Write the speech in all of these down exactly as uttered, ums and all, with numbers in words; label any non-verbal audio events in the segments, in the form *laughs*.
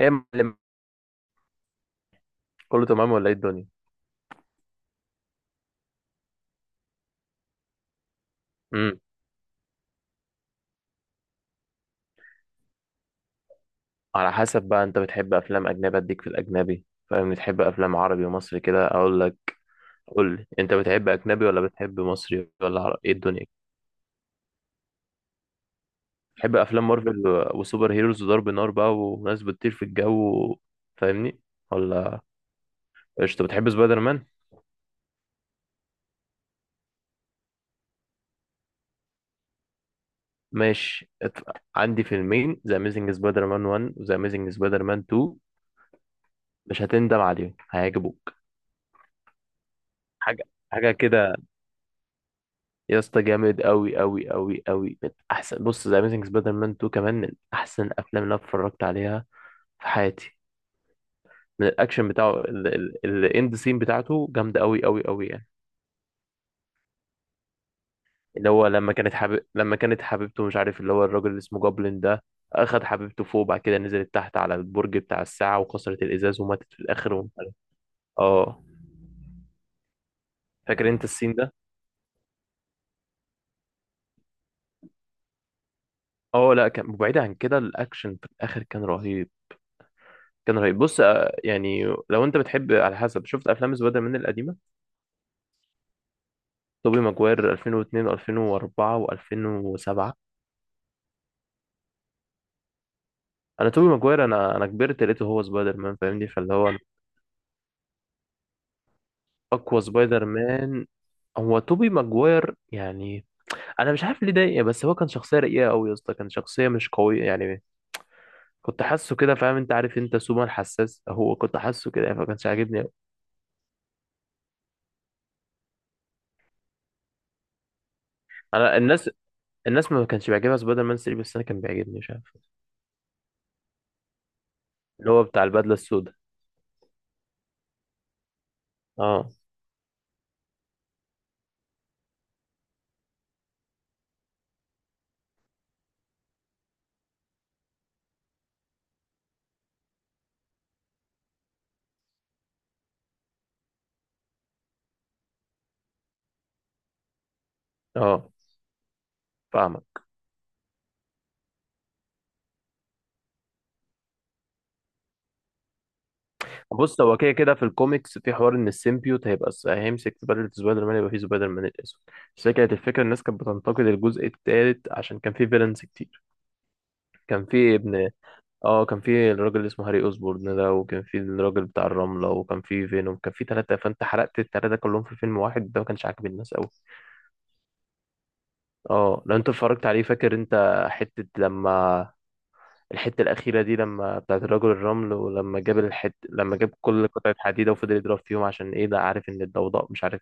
ايه يا معلم. كله تمام ولا ايه الدنيا؟ امم. على حسب بقى، انت بتحب افلام اجنبي اديك في الاجنبي، فاهم؟ بتحب افلام عربي ومصري كده اقول لك. قول لي، انت بتحب اجنبي ولا بتحب مصري ولا عربي؟ ايه الدنيا؟ بتحب افلام مارفل و- وسوبر هيروز وضرب نار بقى وناس بتطير في الجو، فاهمني؟ ولا؟ قشطه. بتحب سبايدر مان؟ ماشي، اتف- عندي فيلمين، ذا اميزنج سبايدر مان واحد وذا اميزنج سبايدر مان تو. مش هتندم عليهم، هيعجبوك. حاجه، حاجه كده. يا اسطى، جامد قوي قوي قوي قوي، من احسن، بص ذا اميزنج سبايدر مان تو كمان من احسن افلام اللي انا اتفرجت عليها في حياتي. من الاكشن بتاعه، الاند سين بتاعته جامده قوي قوي قوي يعني. اللي هو لما كانت حبيب لما كانت حبيبته، مش عارف، اللي هو الراجل اللي اسمه جوبلin ده اخد حبيبته فوق، بعد كده نزلت تحت على البرج بتاع الساعه وكسرت الازاز وماتت في الاخر، ومش عارف. اه، فاكر انت السين ده؟ اه لا، كان بعيد عن كده، الاكشن في الاخر كان رهيب. كان رهيب. بص، آه، يعني لو انت بتحب، على حسب، شفت افلام سبايدر مان القديمه؟ توبي ماجواير الفين واتنين و2004 و2007. انا توبي ماجواير، انا انا كبرت لقيته هو سبايدر مان، فاهمني، فاللي هو أنا اقوى سبايدر مان هو توبي ماجواير يعني. انا مش عارف ليه ده، بس هو كان شخصيه رقيقه قوي يا اسطى، كان شخصيه مش قويه يعني. كنت حاسه كده، فاهم؟ انت عارف انت سوبر حساس، هو كنت حاسه كده فما كانش عاجبني أوي. انا الناس الناس ما كانش بيعجبها سبايدر مان ثري، بس انا كان بيعجبني، مش عارف. اللي هو بتاع البدله السوداء. اه، اه. فاهمك. بص، هو كده كده في الكوميكس في حوار ان السيمبيوت هيبقى س- هيمسك في بدلة سبايدر مان، يبقى فيه سبايدر مان الاسود. بس هي كانت الفكره، الناس كانت بتنتقد الجزء الثالث عشان كان فيه فيلنز كتير. كان فيه ابن. اه، كان فيه الراجل اللي اسمه هاري اوزبورن ده، وكان فيه الراجل بتاع الرمله، وكان فيه فينوم، كان فيه ثلاثه، فانت حرقت الثلاثه كلهم في فيلم واحد، ده ما كانش عاجب الناس قوي. اه، لو انت اتفرجت عليه، فاكر انت حته لما. الحتة الأخيرة دي، لما بتاعت الرجل الرمل، ولما جاب الحت لما جاب كل قطعة حديدة وفضل يضرب فيهم عشان إيه، ده عارف إن الضوضاء، مش عارف.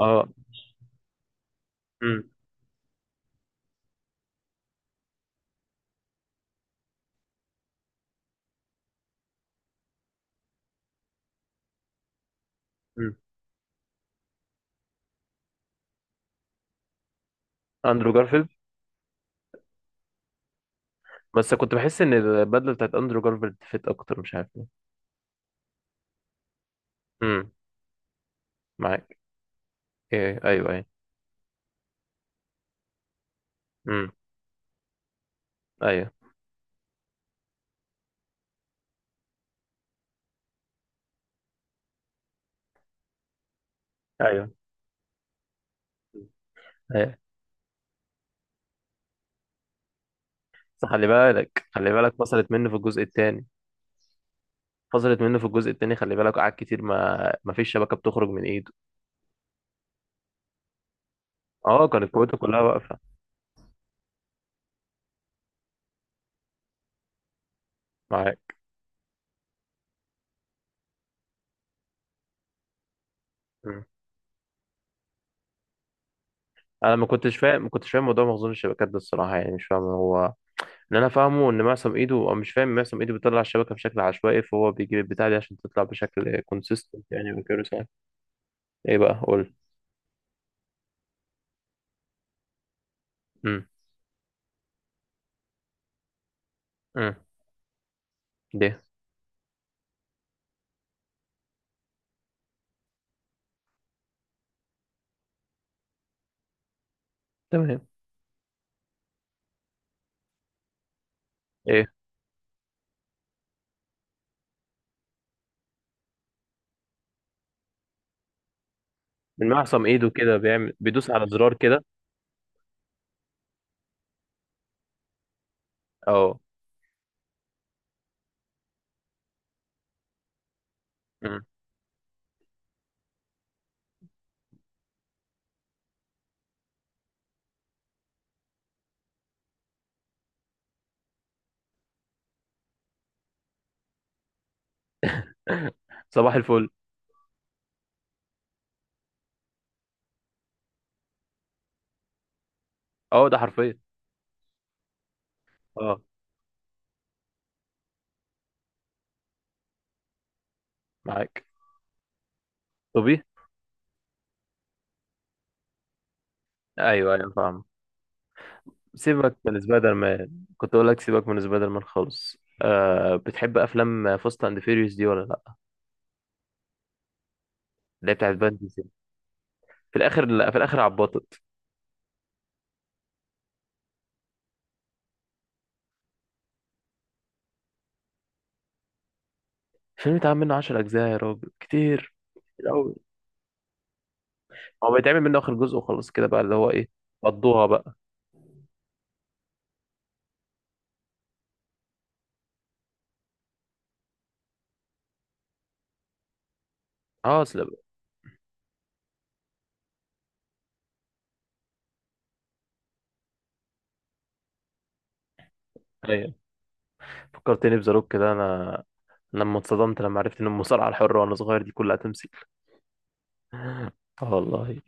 آه. أمم. أمم. أندرو جارفيلد. بس كنت بحس إن البدلة بتاعت أندرو جارفيلد فيت أكتر، مش عارف ليه. أمم. معاك. إيه، أيوه، أيوه. أمم. أيوه، أيوه، أيوه، بس خلي بالك، خلي بالك، فصلت منه في الجزء التاني. فصلت منه في الجزء التاني، خلي بالك، قعد كتير، ما ما فيش شبكة بتخرج من إيده. آه، كانت قوته كلها واقفة. معاك. إمم. انا ما كنتش فاهم ما كنتش فاهم موضوع مخزون الشبكات ده، الصراحه يعني مش فاهم. هو اللي انا فاهمه ان معصم ايده، او مش فاهم، معصم ايده بيطلع الشبكه بشكل عشوائي، فهو بيجيب البتاع دي عشان تطلع بشكل كونسيستنت يعني، وكده ساعة. ايه بقى؟ قول. امم، امم. ده تمام. ايه. من معصم ايده كده، بيعمل بيدوس على زرار كده. اه. مم. *laughs* صباح الفل. اه، ده حرفيا. اه. معاك. طبي. ايوه، ايوه، فاهم. سيبك من سبايدر مان، كنت اقول لك، سيبك من سبايدر مان خالص. آه، بتحب افلام فاست اند فيريوس دي ولا لا؟ اللي هي بتاعت فان ديزل. في الاخر، لا، في الاخر عبطت. الفيلم اتعمل منه 10 اجزاء يا راجل، كتير. كتير قوي. هو بيتعمل منه اخر جزء وخلاص كده بقى، اللي هو ايه، قضوها بقى. اه، اصل بقى. ايوه، فكرتني بذا روك كده انا. لما اتصدمت، لما عرفت ان المصارعه الحره وانا صغير دي كلها تمثيل. اه والله.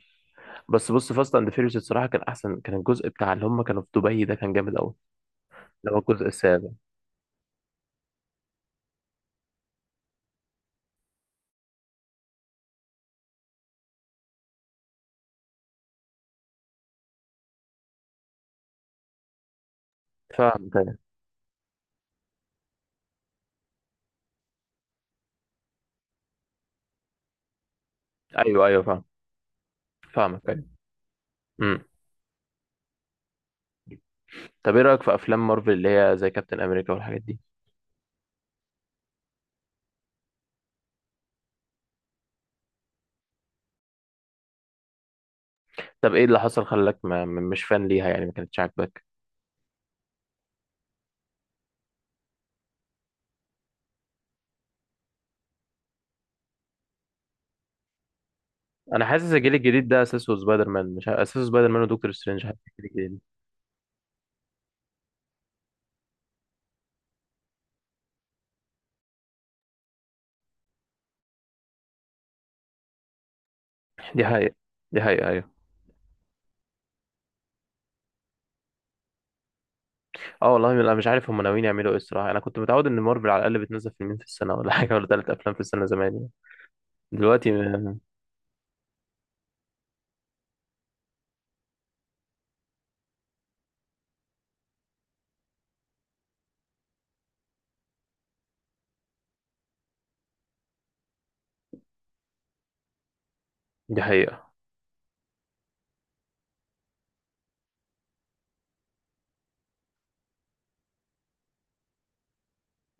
بس بص، فاست اند فيريوس الصراحه كان احسن، كان الجزء بتاع اللي هم كانوا في دبي ده كان جامد قوي. اللي هو الجزء السابع. فاهمك. أيوة. ايوه، ايوه، فاهم. فاهمك، ايوه. امم. طب، ايه رايك في افلام مارفل اللي هي زي كابتن امريكا والحاجات دي؟ طب، ايه اللي حصل خلاك ما م- مش فان ليها يعني، ما كانتش عاجباك؟ انا حاسس الجيل الجديد ده اساسه سبايدر مان، مش ع- اساسه سبايدر مان ودكتور سترينج، حاسس الجيل الجديد. دي حقيقة. دي حقيقة، ايوه. اه والله، انا مش عارف هم ناويين يعملوا ايه الصراحة. انا كنت متعود ان مارفل على الاقل بتنزل فيلمين في السنة ولا حاجة، ولا ثلاث افلام في السنة زمان يعني. دلوقتي م- دي حقيقة.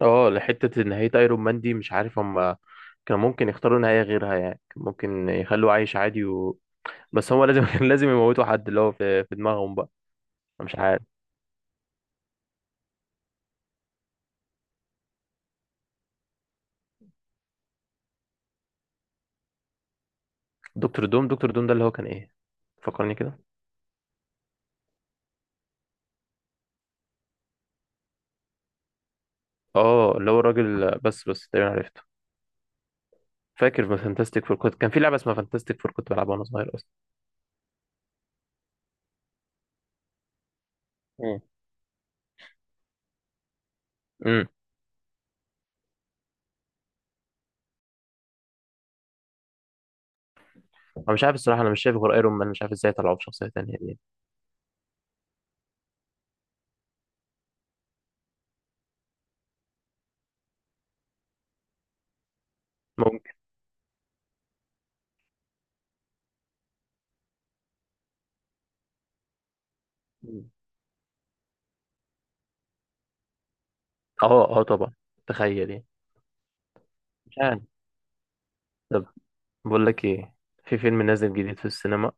اه، لحتة نهاية ايرون مان دي مش عارف هم. كان ممكن يختاروا نهاية غيرها يعني، كان ممكن يخلوه عايش عادي و. بس هو لازم *laughs* كان لازم يموتوا حد، اللي هو في في دماغهم بقى. مش عارف. دكتور دوم؟ دكتور دوم ده اللي هو كان ايه؟ فكرني كده. اه، اللي هو الراجل، بس بس تقريبا عرفته. فاكر في فانتاستيك فور، كنت كان في لعبه اسمها فانتاستيك فور كنت بلعبها وانا صغير اصلا. مم. امم. انا مش عارف الصراحه، انا مش شايف غير ايرون مان، مش عارف ازاي طلعوا بشخصيه تانية يعني. ممكن. مم. اه، اه، طبعا. تخيل يعني. مش عارف. طب، بقول لك ايه، في فيلم نازل جديد في السينما،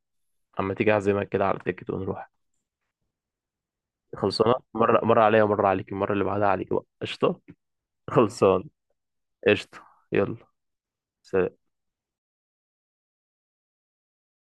اما تيجي اعزمك كده على تيكت ونروح. خلصانه، مره، مره عليا ومره عليك، المره اللي بعدها عليك بقى، قشطه. خلصان. قشطه. يلا. سلام.